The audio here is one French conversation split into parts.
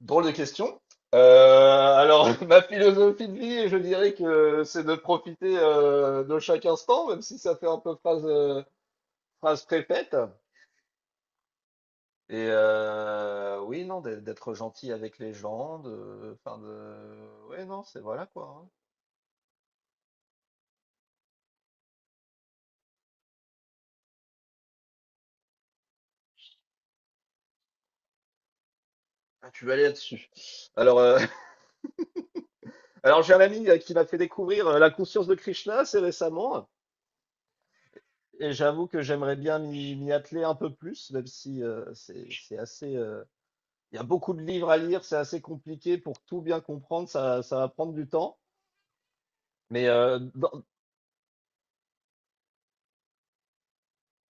Drôle de question. Ma philosophie de vie, je dirais que c'est de profiter de chaque instant, même si ça fait un peu phrase, phrase préfète. Et oui, non, d'être gentil avec les gens, de, ouais, non, c'est voilà quoi, hein. Ah, tu vas aller là-dessus. Alors, euh, alors j'ai un ami qui m'a fait découvrir la conscience de Krishna assez récemment, et j'avoue que j'aimerais bien m'y atteler un peu plus, même si c'est assez, il y a beaucoup de livres à lire, c'est assez compliqué pour tout bien comprendre, ça va prendre du temps. Mais euh, dans-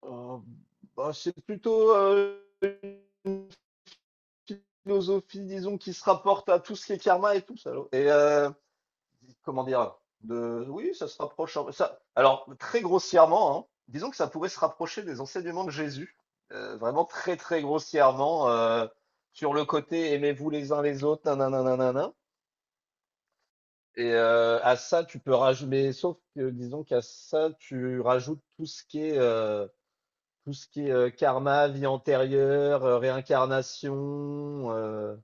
euh, c'est plutôt une philosophie, disons, qui se rapporte à tout ce qui est karma et tout ça, alors. Et comment dire oui, ça se rapproche. Ça, alors, très grossièrement, hein, disons que ça pourrait se rapprocher des enseignements de Jésus, vraiment très, très grossièrement, sur le côté aimez-vous les uns les autres, nanana, nanana. Et à ça, tu peux rajouter, mais sauf que disons qu'à ça, tu rajoutes tout ce qui est, karma, vie antérieure, réincarnation,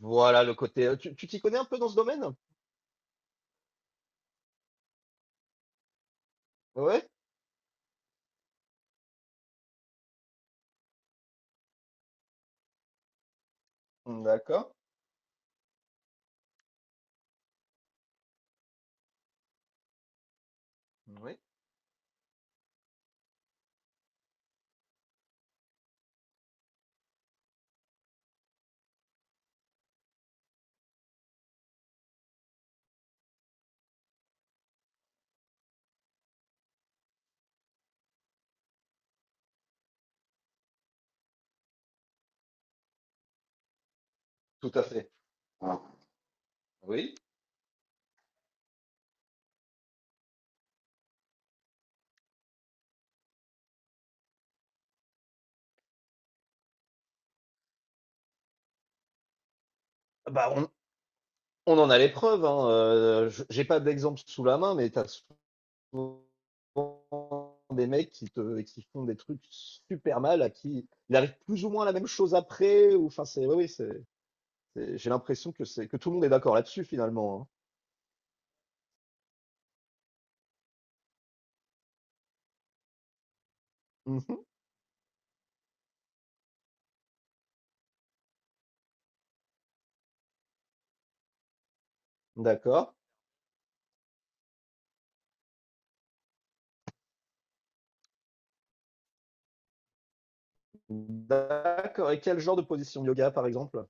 voilà le côté. Tu t'y connais un peu dans ce domaine? Ouais? D'accord. Oui, tout à fait. Oui. Bah, on, on en a les preuves, hein. J'ai pas d'exemple sous la main, mais t'as des mecs qui font des trucs super mal, à qui il arrive plus ou moins la même chose après, ou enfin c'est, oui, oui, j'ai l'impression que c'est que tout le monde est d'accord là-dessus finalement, hein. Mhm. D'accord, d'accord. Et quel genre de position de yoga par exemple?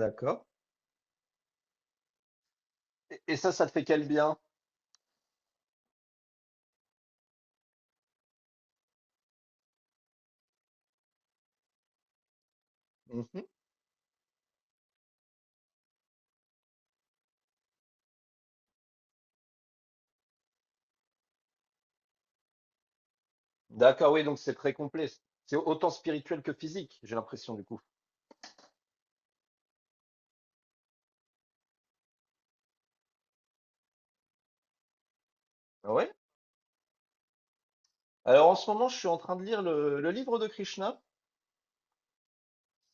D'accord. Et ça, ça te fait quel bien? Mhm. D'accord, oui, donc c'est très complet. C'est autant spirituel que physique, j'ai l'impression du coup. Ah ouais? Alors en ce moment, je suis en train de lire le livre de Krishna.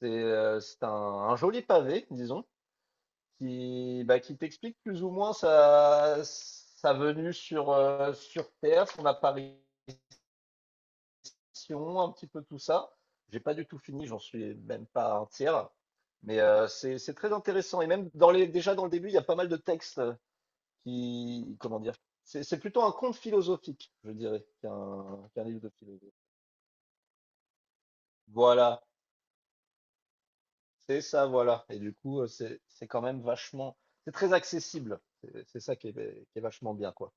C'est un joli pavé, disons. Qui, bah, qui t'explique plus ou moins sa, sa venue sur, sur Terre, son apparition, un petit peu tout ça. J'ai pas du tout fini, j'en suis même pas un tiers. Mais c'est très intéressant. Et même dans les, déjà dans le début, il y a pas mal de textes qui, comment dire, c'est plutôt un conte philosophique, je dirais, qu'un livre de philosophie. Voilà, c'est ça, voilà. Et du coup, c'est quand même vachement, c'est très accessible. C'est ça qui est vachement bien, quoi.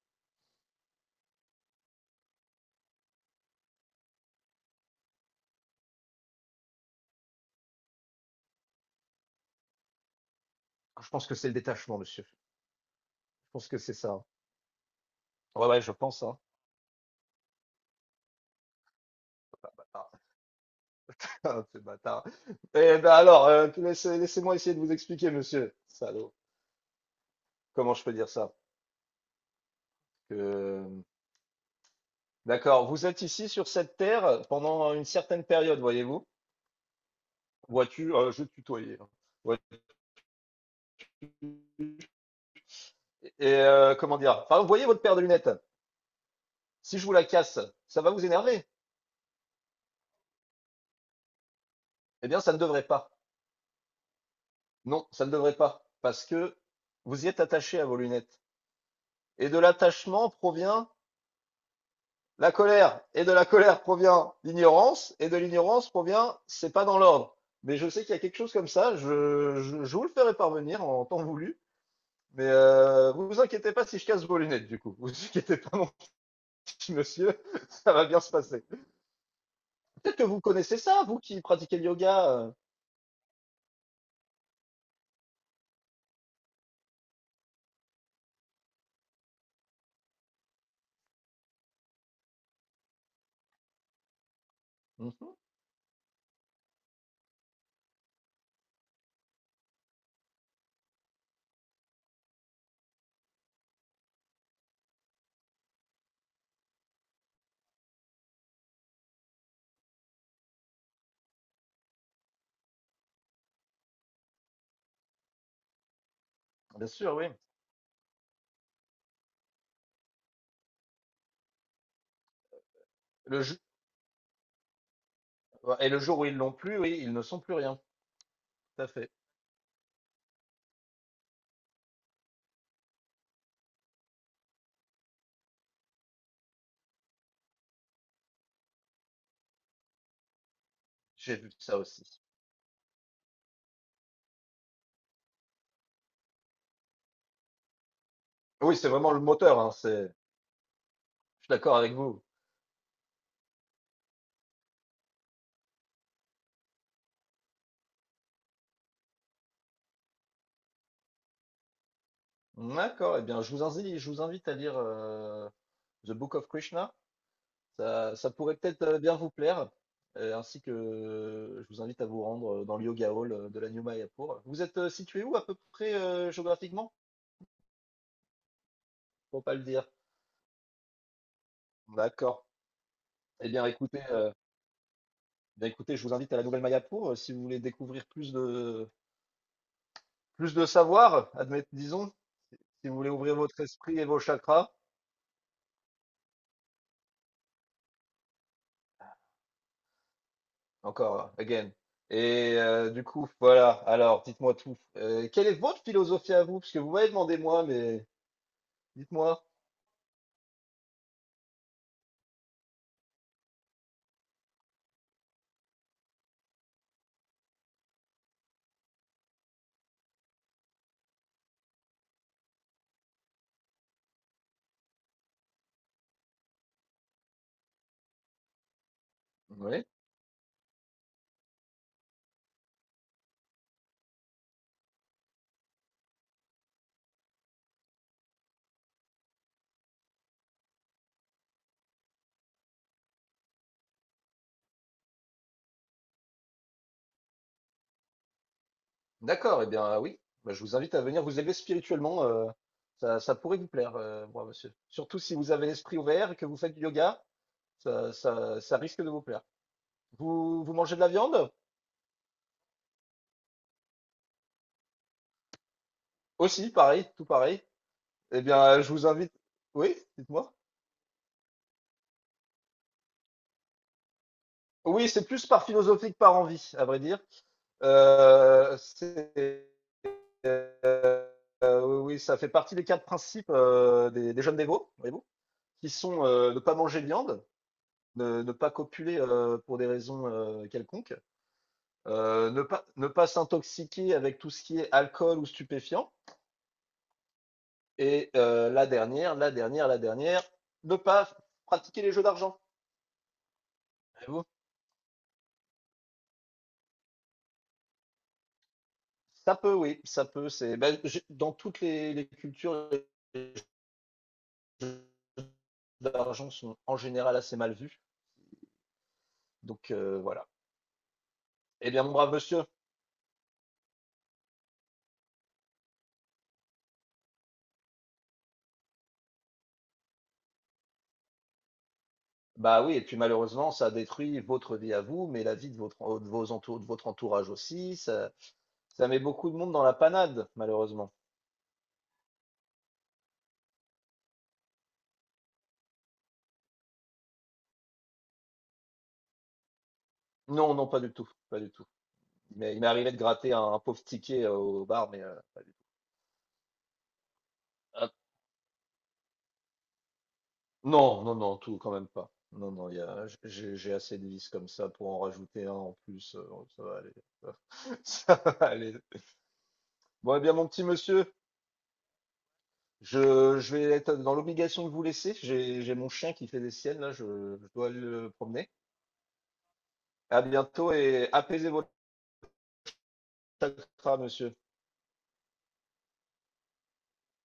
Je pense que c'est le détachement, monsieur. Je pense que c'est ça. Ouais, ouais, je pense, hein. Bâtard. Ce bâtard. Laissez-moi essayer de vous expliquer, monsieur. Salaud. Comment je peux dire ça? Que... D'accord. Vous êtes ici sur cette terre pendant une certaine période, voyez-vous? Vois-tu, je vais te tutoyer, hein. Ouais. Et comment dire? Par exemple, voyez votre paire de lunettes. Si je vous la casse, ça va vous énerver? Eh bien, ça ne devrait pas. Non, ça ne devrait pas. Parce que vous y êtes attaché à vos lunettes. Et de l'attachement provient la colère, et de la colère provient l'ignorance, et de l'ignorance provient, c'est pas dans l'ordre. Mais je sais qu'il y a quelque chose comme ça, je vous le ferai parvenir en temps voulu. Mais vous vous inquiétez pas si je casse vos lunettes, du coup. Vous vous inquiétez pas, mon petit monsieur, ça va bien se passer. Peut-être que vous connaissez ça, vous qui pratiquez le yoga. Mhm, bien sûr, oui. Le Et le jour où ils l'ont plus, oui, ils ne sont plus rien. Tout à fait. J'ai vu ça aussi. Oui, c'est vraiment le moteur, hein, c'est... je suis d'accord avec vous. D'accord, eh bien, je vous invite à lire The Book of Krishna. Ça pourrait peut-être bien vous plaire. Ainsi que je vous invite à vous rendre dans le Yoga Hall de la New Mayapur. Vous êtes situé où à peu près géographiquement? Faut pas le dire. D'accord. Eh bien, écoutez, euh, eh bien, écoutez, je vous invite à la Nouvelle Mayapur si vous voulez découvrir plus de savoir, admettons, disons, si vous voulez ouvrir votre esprit et vos chakras. Encore, again. Et du coup, voilà. Alors, dites-moi tout. Quelle est votre philosophie à vous? Parce que vous m'avez demandé moi, mais dites-moi. Oui. D'accord. Eh bien, ah oui. Bah, je vous invite à venir vous élever spirituellement. Ça, ça pourrait vous plaire, moi, monsieur. Surtout si vous avez l'esprit ouvert et que vous faites du yoga, ça risque de vous plaire. Vous, vous mangez de la viande? Aussi, pareil, tout pareil. Eh bien, je vous invite. Oui, dites-moi. Oui, c'est plus par philosophie que par envie, à vrai dire. C'est oui, oui, ça fait partie des quatre principes des jeunes dévots, voyez-vous, qui sont ne pas manger de viande, ne pas copuler pour des raisons quelconques, ne pas s'intoxiquer avec tout ce qui est alcool ou stupéfiant, et la dernière, ne pas pratiquer les jeux d'argent, voyez-vous. Ça peut, oui, ça peut. C'est ben, dans toutes les cultures, les jeux d'argent sont en général assez mal vus. Voilà. Eh bien, mon brave monsieur. Bah oui, et puis malheureusement, ça détruit votre vie à vous, mais la vie de votre, de votre entourage aussi. Ça met beaucoup de monde dans la panade, malheureusement. Non, non, pas du tout, pas du tout. Mais il m'est arrivé de gratter un pauvre ticket au bar, mais ah, non, non, non, tout quand même pas. Non, non, il y a, j'ai assez de vis comme ça pour en rajouter un en plus. Oh, ça va aller. Ça va aller. Bon, eh bien, mon petit monsieur, je vais être dans l'obligation de vous laisser. J'ai mon chien qui fait des siennes, là, je dois le promener. À bientôt et apaisez vos chakras, monsieur.